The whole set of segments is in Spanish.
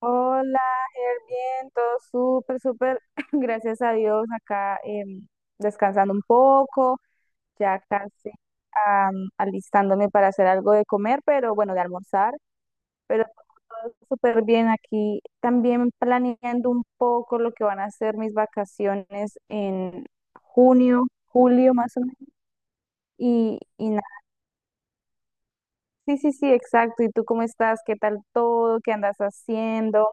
Hola, Ger, bien, todo súper, súper, gracias a Dios, acá descansando un poco, ya casi alistándome para hacer algo de comer, pero bueno, de almorzar, pero todo súper bien aquí, también planeando un poco lo que van a ser mis vacaciones en junio, julio más o menos, y nada, sí, sí, sí, exacto, ¿y tú cómo estás? ¿Qué tal todo? ¿Qué andas haciendo?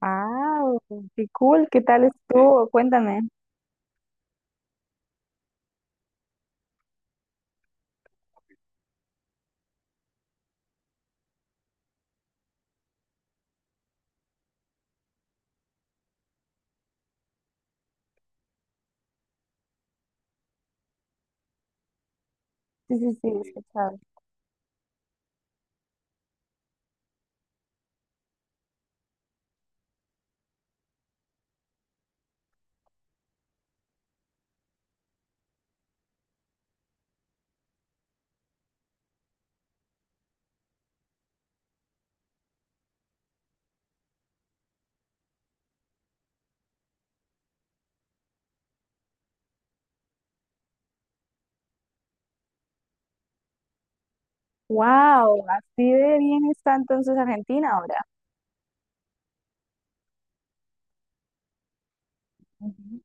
Ah, qué cool, ¿qué tal sí, estuvo? Cuéntame. Sí, sí, sí, he sí, escuchado. Wow, así de bien está entonces Argentina ahora. Ujú.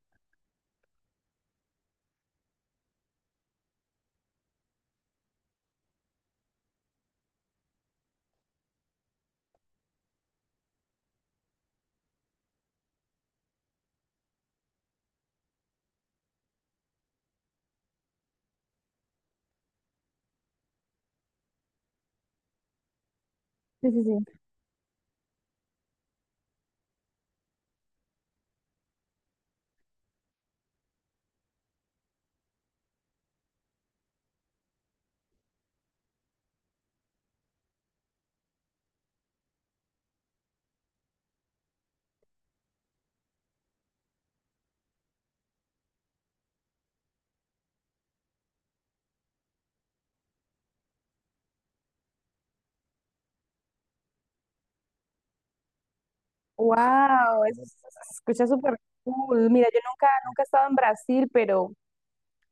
Sí, sí, sí. Wow, eso se escucha súper cool. Mira, yo nunca, nunca he estado en Brasil, pero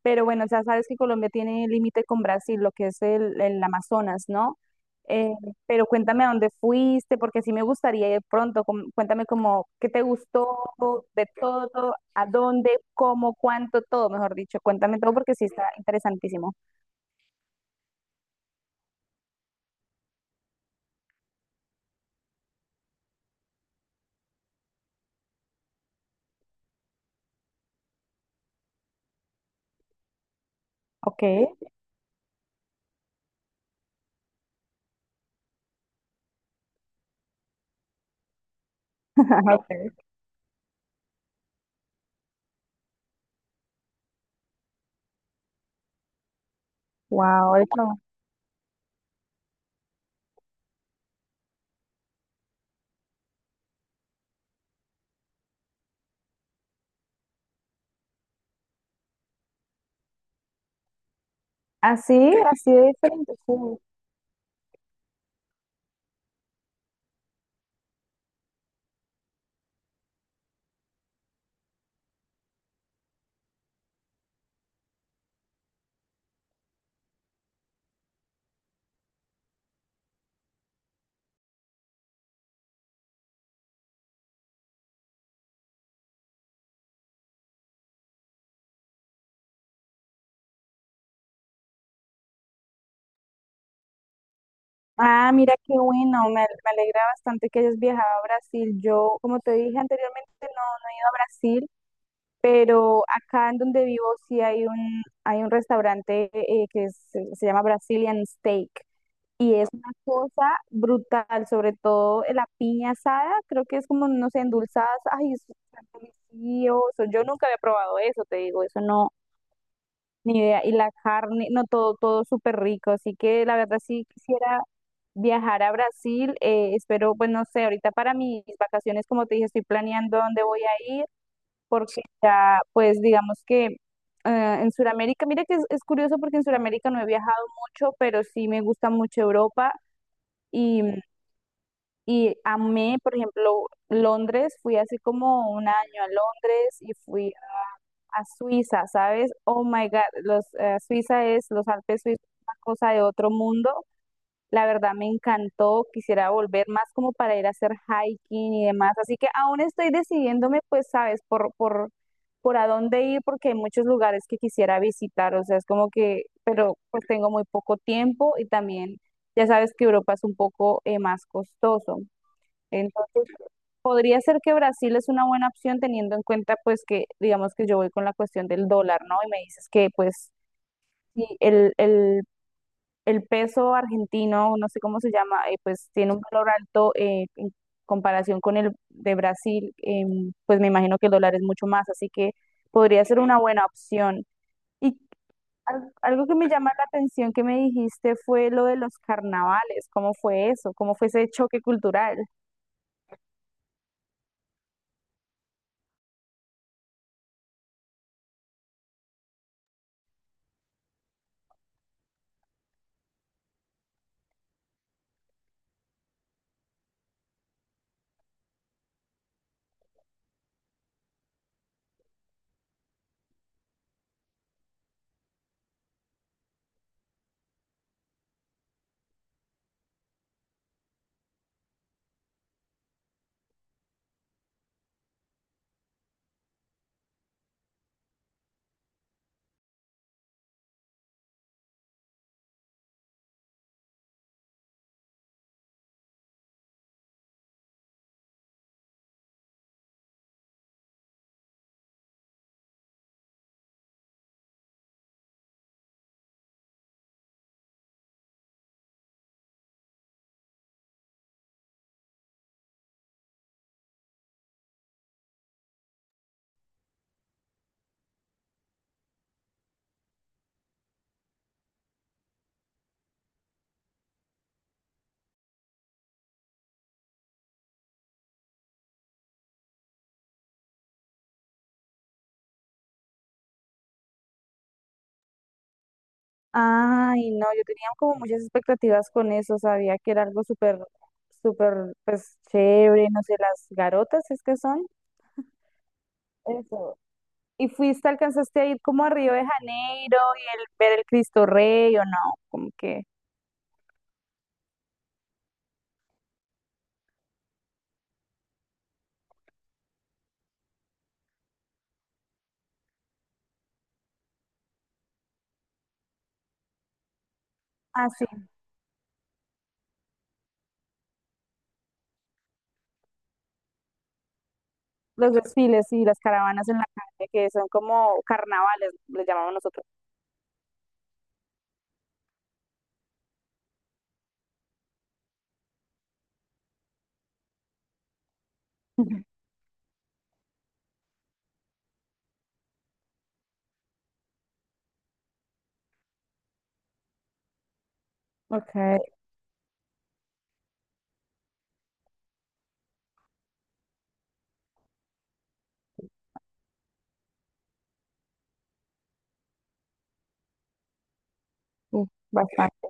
Pero bueno, ya sabes que Colombia tiene límite con Brasil, lo que es el Amazonas, ¿no? Eh, pero cuéntame a dónde fuiste, porque sí me gustaría ir pronto. Cuéntame como qué te gustó de todo, a dónde, cómo, cuánto, todo, mejor dicho. Cuéntame todo porque sí está interesantísimo. Ok, ajá, ok. Wow, eso. Así, así de diferente. Ah, mira qué bueno, me alegra bastante que hayas viajado a Brasil. Yo, como te dije anteriormente, no he ido a Brasil, pero acá en donde vivo sí hay un restaurante se se llama Brazilian Steak y es una cosa brutal, sobre todo la piña asada, creo que es como, no sé, endulzadas, ay, eso es tan delicioso, yo nunca había probado eso, te digo, eso no, ni idea, y la carne, no, todo, todo súper rico, así que la verdad sí quisiera viajar a Brasil, espero, pues no sé, ahorita para mis vacaciones, como te dije, estoy planeando dónde voy a ir porque ya, pues digamos que en Sudamérica, mira que es curioso porque en Sudamérica no he viajado mucho, pero sí me gusta mucho Europa y, y amé, por ejemplo, Londres, fui hace como un año a Londres y fui a Suiza, ¿sabes? Oh my God, Suiza es, los Alpes suizos, es una cosa de otro mundo. La verdad me encantó, quisiera volver más como para ir a hacer hiking y demás. Así que aún estoy decidiéndome, pues, sabes, por a dónde ir, porque hay muchos lugares que quisiera visitar. O sea, es como que, pero pues tengo muy poco tiempo y también ya sabes que Europa es un poco más costoso. Entonces, podría ser que Brasil es una buena opción teniendo en cuenta, pues, que digamos que yo voy con la cuestión del dólar, ¿no? Y me dices que, pues, sí, el el peso argentino, no sé cómo se llama, pues tiene un valor alto en comparación con el de Brasil, pues me imagino que el dólar es mucho más, así que podría ser una buena opción. Y algo que me llama la atención que me dijiste fue lo de los carnavales, ¿cómo fue eso? ¿Cómo fue ese choque cultural? Ay, no, yo tenía como muchas expectativas con eso, sabía que era algo súper, súper, pues chévere, no sé, las garotas es que son. Eso. ¿Y fuiste, alcanzaste a ir como a Río de Janeiro y el, ver el Cristo Rey o no? Como que, ah, sí, los desfiles y las caravanas en la calle, que son como carnavales, les llamamos nosotros. Okay, uf, bastante.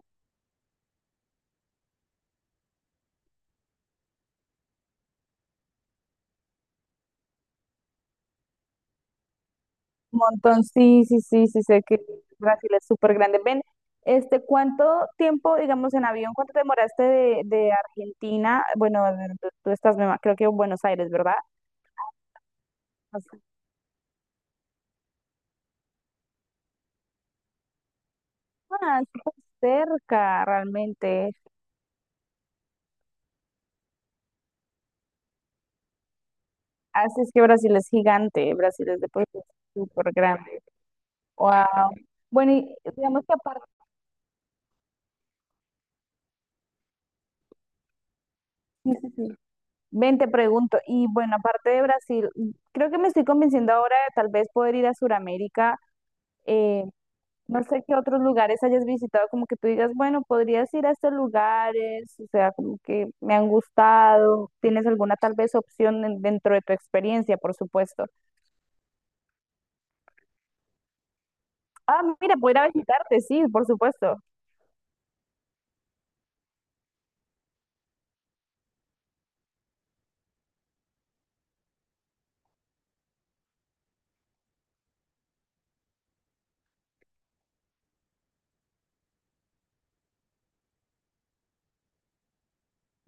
Un montón, sí, sí, sí, sí, sé que Brasil es súper grande. Ven, este, ¿cuánto tiempo, digamos, en avión, cuánto te demoraste de Argentina? Bueno, tú estás, me ima- creo que en Buenos Aires, ¿verdad? Ah, está cerca realmente. Así es que Brasil es gigante, Brasil es de por sí súper grande. Wow. Bueno, y digamos que aparte, sí, sí, sí. Ven, te pregunto, y bueno, aparte de Brasil, creo que me estoy convenciendo ahora de tal vez poder ir a Sudamérica. Eh, no sé qué otros lugares hayas visitado, como que tú digas, bueno, podrías ir a estos lugares, o sea, como que me han gustado. ¿Tienes alguna tal vez opción dentro de tu experiencia, por supuesto? Ah, mira, pudiera visitarte, sí, por supuesto.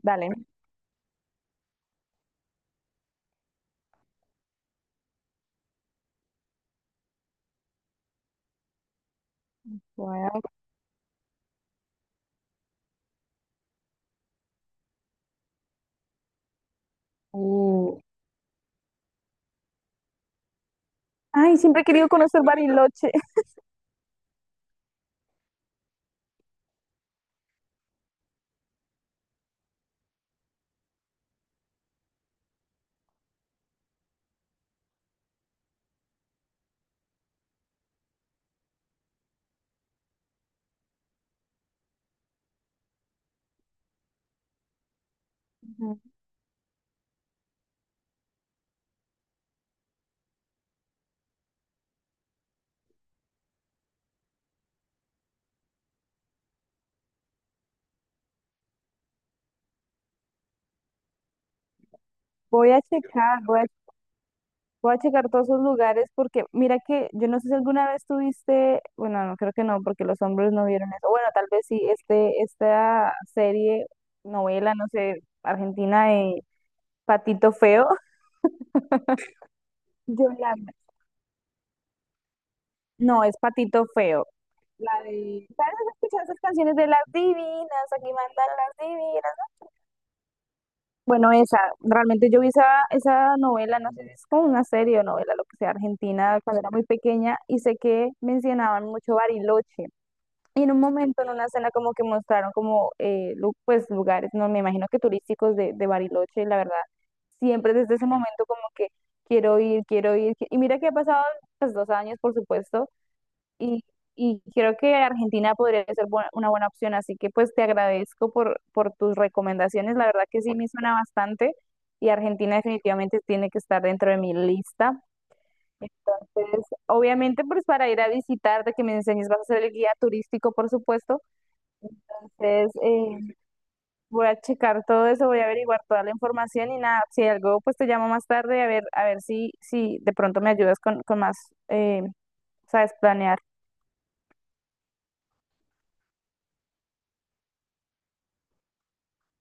Dale. Voy aquí. Ay, siempre he querido conocer Bariloche. Ujú. Voy a checar, voy a, voy a checar todos esos lugares porque mira que yo no sé si alguna vez tuviste, bueno, no creo que no, porque los hombres no vieron eso. Bueno, tal vez sí, este, esta serie, novela, no sé, argentina de Patito Feo. Yo la... No, es Patito Feo. La de... ¿Sabes? Escuchar esas canciones de las divinas? Aquí mandan las divinas. Bueno, esa, realmente esa novela, no sé, si es como una serie o novela, lo que sea, argentina, cuando era muy pequeña, y sé que mencionaban mucho Bariloche. Y en un momento, en una escena, como que mostraron como, pues, lugares, no me imagino que turísticos de Bariloche, y la verdad, siempre desde ese momento como que quiero ir, y mira que ha pasado, pues, 2 años, por supuesto, y, y creo que Argentina podría ser una buena opción, así que pues te agradezco por tus recomendaciones, la verdad que sí me suena bastante y Argentina definitivamente tiene que estar dentro de mi lista. Entonces, obviamente pues para ir a visitarte, que me enseñes, vas a ser el guía turístico, por supuesto. Entonces, voy a checar todo eso, voy a averiguar toda la información y nada, si algo, pues te llamo más tarde a ver si, si de pronto me ayudas con más, eh, sabes, planear.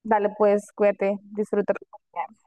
Dale, pues, cuídate, disfruta tu comida.